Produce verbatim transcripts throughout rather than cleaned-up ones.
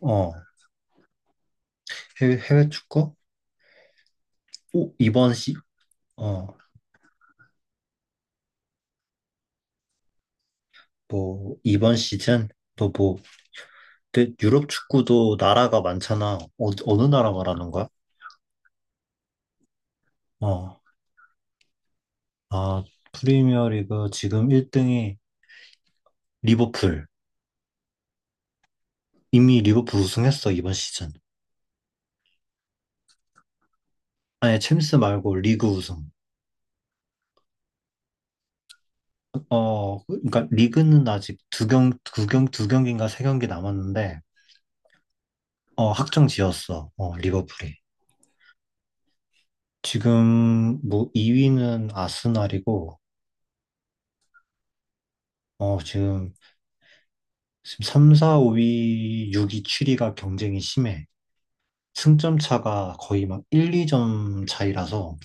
어, 해외, 해외 축구? 오, 이번 시, 어, 뭐, 이번 시즌? 또 뭐, 근데 유럽 축구도 나라가 많잖아. 어, 어느 나라 말하는 거야? 어, 아, 프리미어 리그 지금 일 등이 리버풀. 이미 리버풀 우승했어, 이번 시즌. 아니, 챔스 말고 리그 우승. 어, 그러니까 리그는 아직 두 경, 두 경, 두 경기인가 세 경기 남았는데, 어, 확정 지었어, 어, 리버풀이. 지금 뭐 이 위는 아스날이고, 어, 지금 지금 삼, 사, 오 위, 육 위, 칠 위가 경쟁이 심해. 승점 차가 거의 막 일, 이 점 차이라서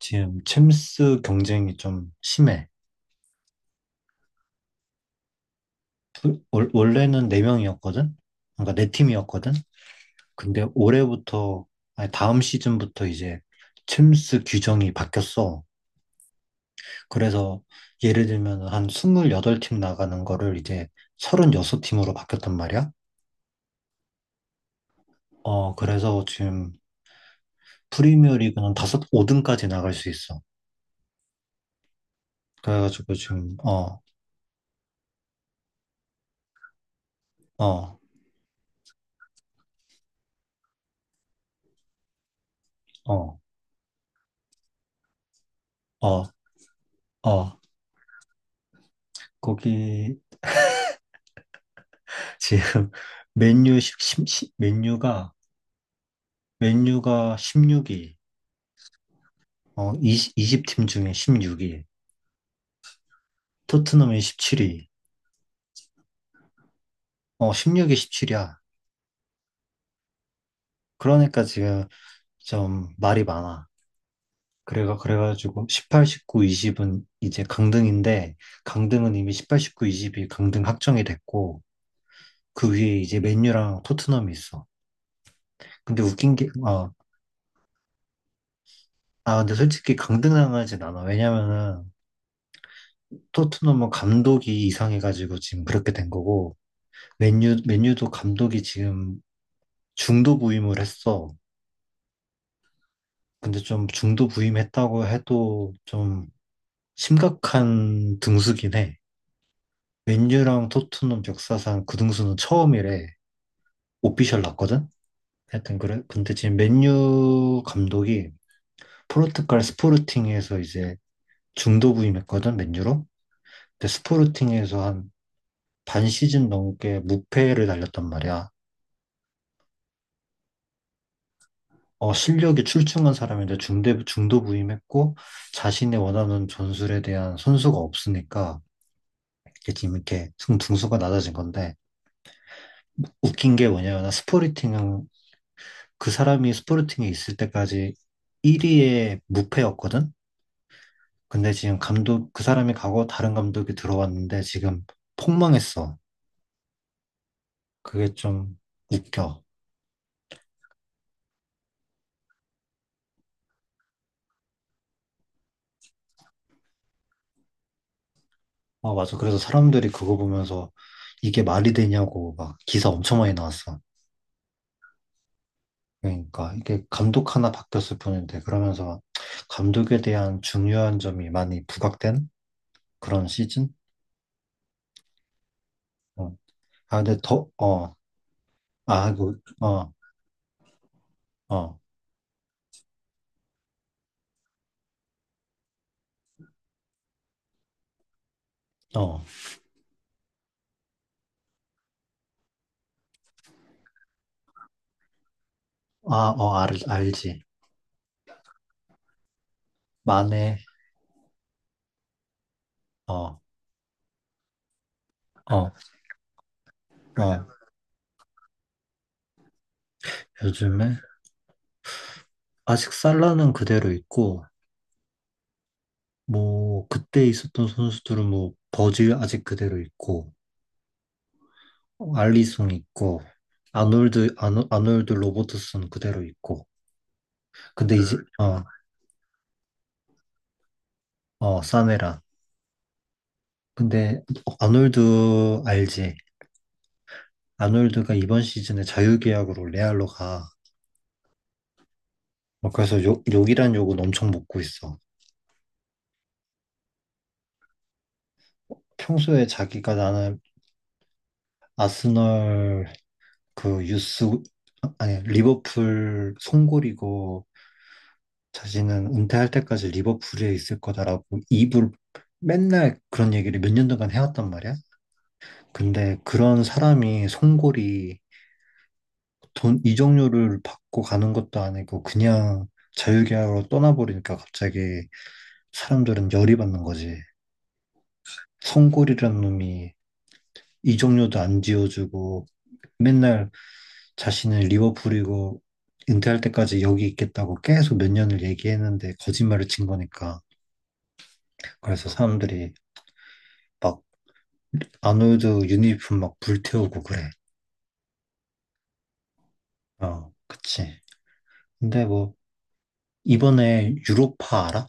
지금 챔스 경쟁이 좀 심해. 그 월- 원래는 네 명이었거든? 그러니까 네 팀이었거든? 근데 올해부터, 아니 다음 시즌부터 이제 챔스 규정이 바뀌었어. 그래서 예를 들면 한 스물여덟 팀 나가는 거를 이제 서른여섯 팀으로 바뀌었단 말이야. 어, 그래서 지금 프리미어 리그는 다섯 오 등까지 나갈 수 있어. 그래가지고 지금 어, 어, 어, 어, 어, 거기 지금 맨유 십 십 십- 맨유가 맨유가 십육 위, 어, 이십, 두 팀 중에 십육 위, 토트넘이 십칠 위, 어, 십육 위, 십칠 위야. 그러니까 지금 좀 말이 많아. 그래가 그래가지고 십팔, 십구, 이십은 이제 강등인데 강등은 이미 십팔, 십구, 이십이 강등 확정이 됐고 그 위에 이제 맨유랑 토트넘이 있어. 근데 웃긴 게, 어, 아, 근데 솔직히 강등당하진 않아. 왜냐면은 토트넘은 감독이 이상해가지고 지금 그렇게 된 거고, 맨유, 맨유도 감독이 지금 중도 부임을 했어. 근데 좀 중도 부임했다고 해도 좀 심각한 등수긴 해. 맨유랑 토트넘 역사상 그 등수는 처음이래. 오피셜 났거든? 하여튼 그래. 근데 지금 맨유 감독이 포르투갈 스포르팅에서 이제 중도 부임했거든, 맨유로. 근데 스포르팅에서 한 반 시즌 넘게 무패를 달렸단 말이야. 어, 실력이 출중한 사람인데 중대, 중도 부임했고, 자신이 원하는 전술에 대한 선수가 없으니까, 이게 지금 이렇게 승- 등수가 낮아진 건데, 웃긴 게 뭐냐면, 스포르팅은 그 사람이 스포르팅에 있을 때까지 일 위의 무패였거든? 근데 지금 감독, 그 사람이 가고 다른 감독이 들어왔는데 지금 폭망했어. 그게 좀 웃겨. 아, 맞아. 그래서 사람들이 그거 보면서 이게 말이 되냐고 막 기사 엄청 많이 나왔어. 그러니까 이게 감독 하나 바뀌었을 뿐인데 그러면서 감독에 대한 중요한 점이 많이 부각된 그런 시즌? 어. 아, 근데 더, 어, 아, 이거, 어, 어, 어, 아, 어, 알, 알지. 만에, 어, 어, 어, 요즘에 아직 살라는 그대로 있고, 뭐, 그때 있었던 선수들은 뭐, 버즈 아직 그대로 있고, 알리송 있고 아놀드 아노, 아놀드 로버트슨 그대로 있고 근데 이제 그, 어어 사메란 근데 어, 아놀드 알지? 아놀드가 이번 시즌에 자유계약으로 레알로 가. 어, 그래서 욕, 욕이란 욕은 엄청 먹고 있어. 평소에 자기가 나는 아스널 그 유스 아, 아니 리버풀 송골이고 자신은 은퇴할 때까지 리버풀에 있을 거다라고 입을 맨날 그런 얘기를 몇 년 동안 해왔단 말이야. 근데 그런 사람이 송골이 돈 이적료를 받고 가는 것도 아니고 그냥 자유계약으로 떠나버리니까 갑자기 사람들은 열이 받는 거지. 송골이라는 놈이 이적료도 안 지어주고 맨날 자신은 리버풀이고 은퇴할 때까지 여기 있겠다고 계속 몇 년을 얘기했는데 거짓말을 친 거니까. 그래서 사람들이 막 아놀드 유니폼 막 불태우고 그래. 어, 그치. 근데 뭐 이번에 유로파 알아?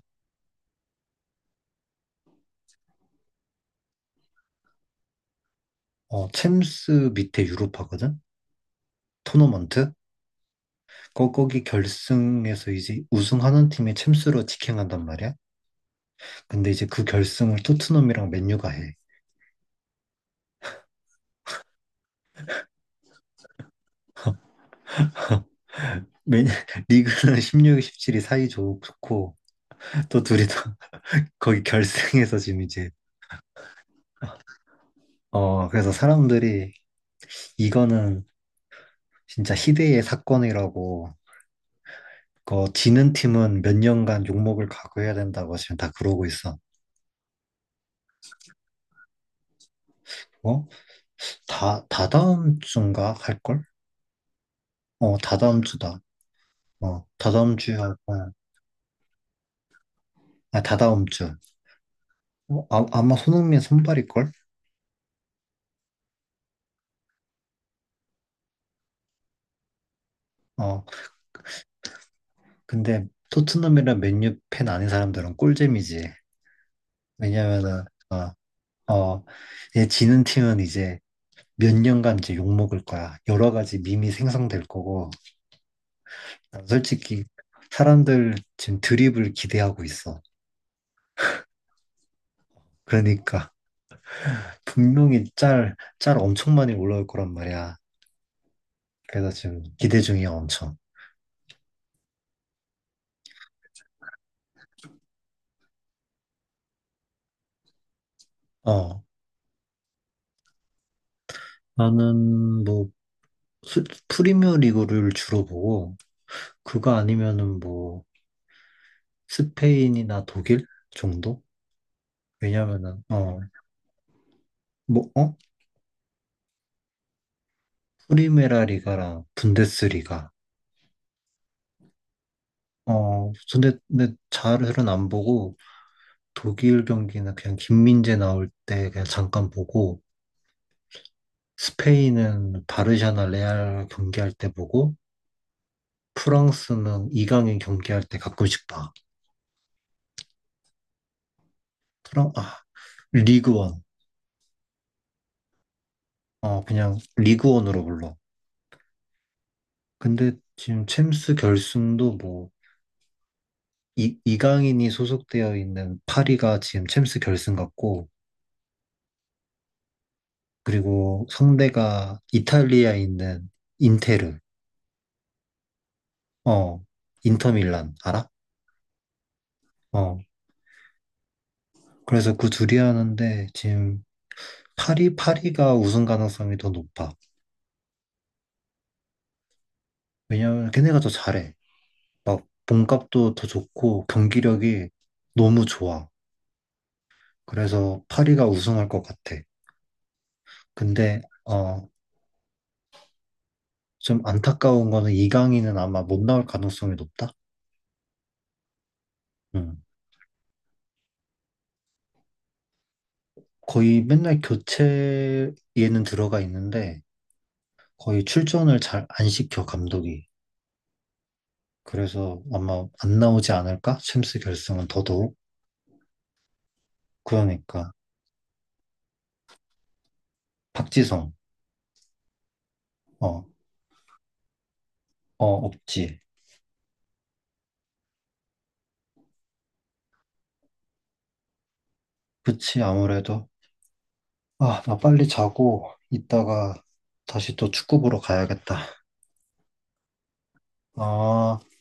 어, 챔스 밑에 유로파거든? 토너먼트? 거, 거기 결승에서 이제 우승하는 팀이 챔스로 직행한단 말이야. 근데 이제 그 결승을 토트넘이랑 맨유가 해. 맨, 리그는 십육, 십칠이 사이 좋고, 또 둘이 다 거기 결승에서 지금 이제, 어, 그래서 사람들이 이거는 진짜 희대의 사건이라고, 그 지는 팀은 몇 년간 욕먹을 각오해야 된다고 지금 다 그러고 있어. 어? 다, 다다음 주인가 할걸? 어, 다다음 주다. 어, 다다음 주에 할 거야. 아, 다다음 주. 어, 아, 아마 손흥민 선발일걸? 어, 근데 토트넘이랑 맨유 팬 아닌 사람들은 꿀잼이지. 왜냐면은, 어, 어, 얘 지는 팀은 이제 몇 년간 이제 욕먹을 거야. 여러 가지 밈이 생성될 거고. 난 솔직히 사람들 지금 드립을 기대하고 있어. 그러니까 분명히 짤, 짤 엄청 많이 올라올 거란 말이야. 그래서 지금 기대 중이야, 엄청. 어, 나는 뭐 스- 프리미어 리그를 주로 보고 그거 아니면은 뭐 스페인이나 독일 정도? 왜냐면은 어뭐 어? 프리메라 리가랑 분데스리가 어 근데 근데 잘은 안 보고 독일 경기는 그냥 김민재 나올 때 그냥 잠깐 보고 스페인은 바르샤나 레알 경기할 때 보고 프랑스는 이강인 경기할 때 가끔씩 봐. 프랑 아 리그원 어 그냥 리그원으로 불러. 근데 지금 챔스 결승도 뭐 이, 이강인이 소속되어 있는 파리가 지금 챔스 결승 같고 그리고 상대가 이탈리아에 있는 인테르 어 인터밀란 알아? 어 그래서 그 둘이 하는데 지금 파리 파리가 우승 가능성이 더 높아 왜냐면 걔네가 더 잘해 막 몸값도 더 좋고 경기력이 너무 좋아 그래서 파리가 우승할 것 같아 근데 어 좀 안타까운 거는 이강인은 아마 못 나올 가능성이 높다? 음. 거의 맨날 교체에는 들어가 있는데 거의 출전을 잘 안 시켜, 감독이. 그래서 아마 안 나오지 않을까? 챔스 결승은 더더욱. 그러니까. 박지성. 어, 어, 없지. 그치, 아무래도. 아, 나 빨리 자고 이따가 다시 또 축구 보러 가야겠다. 아.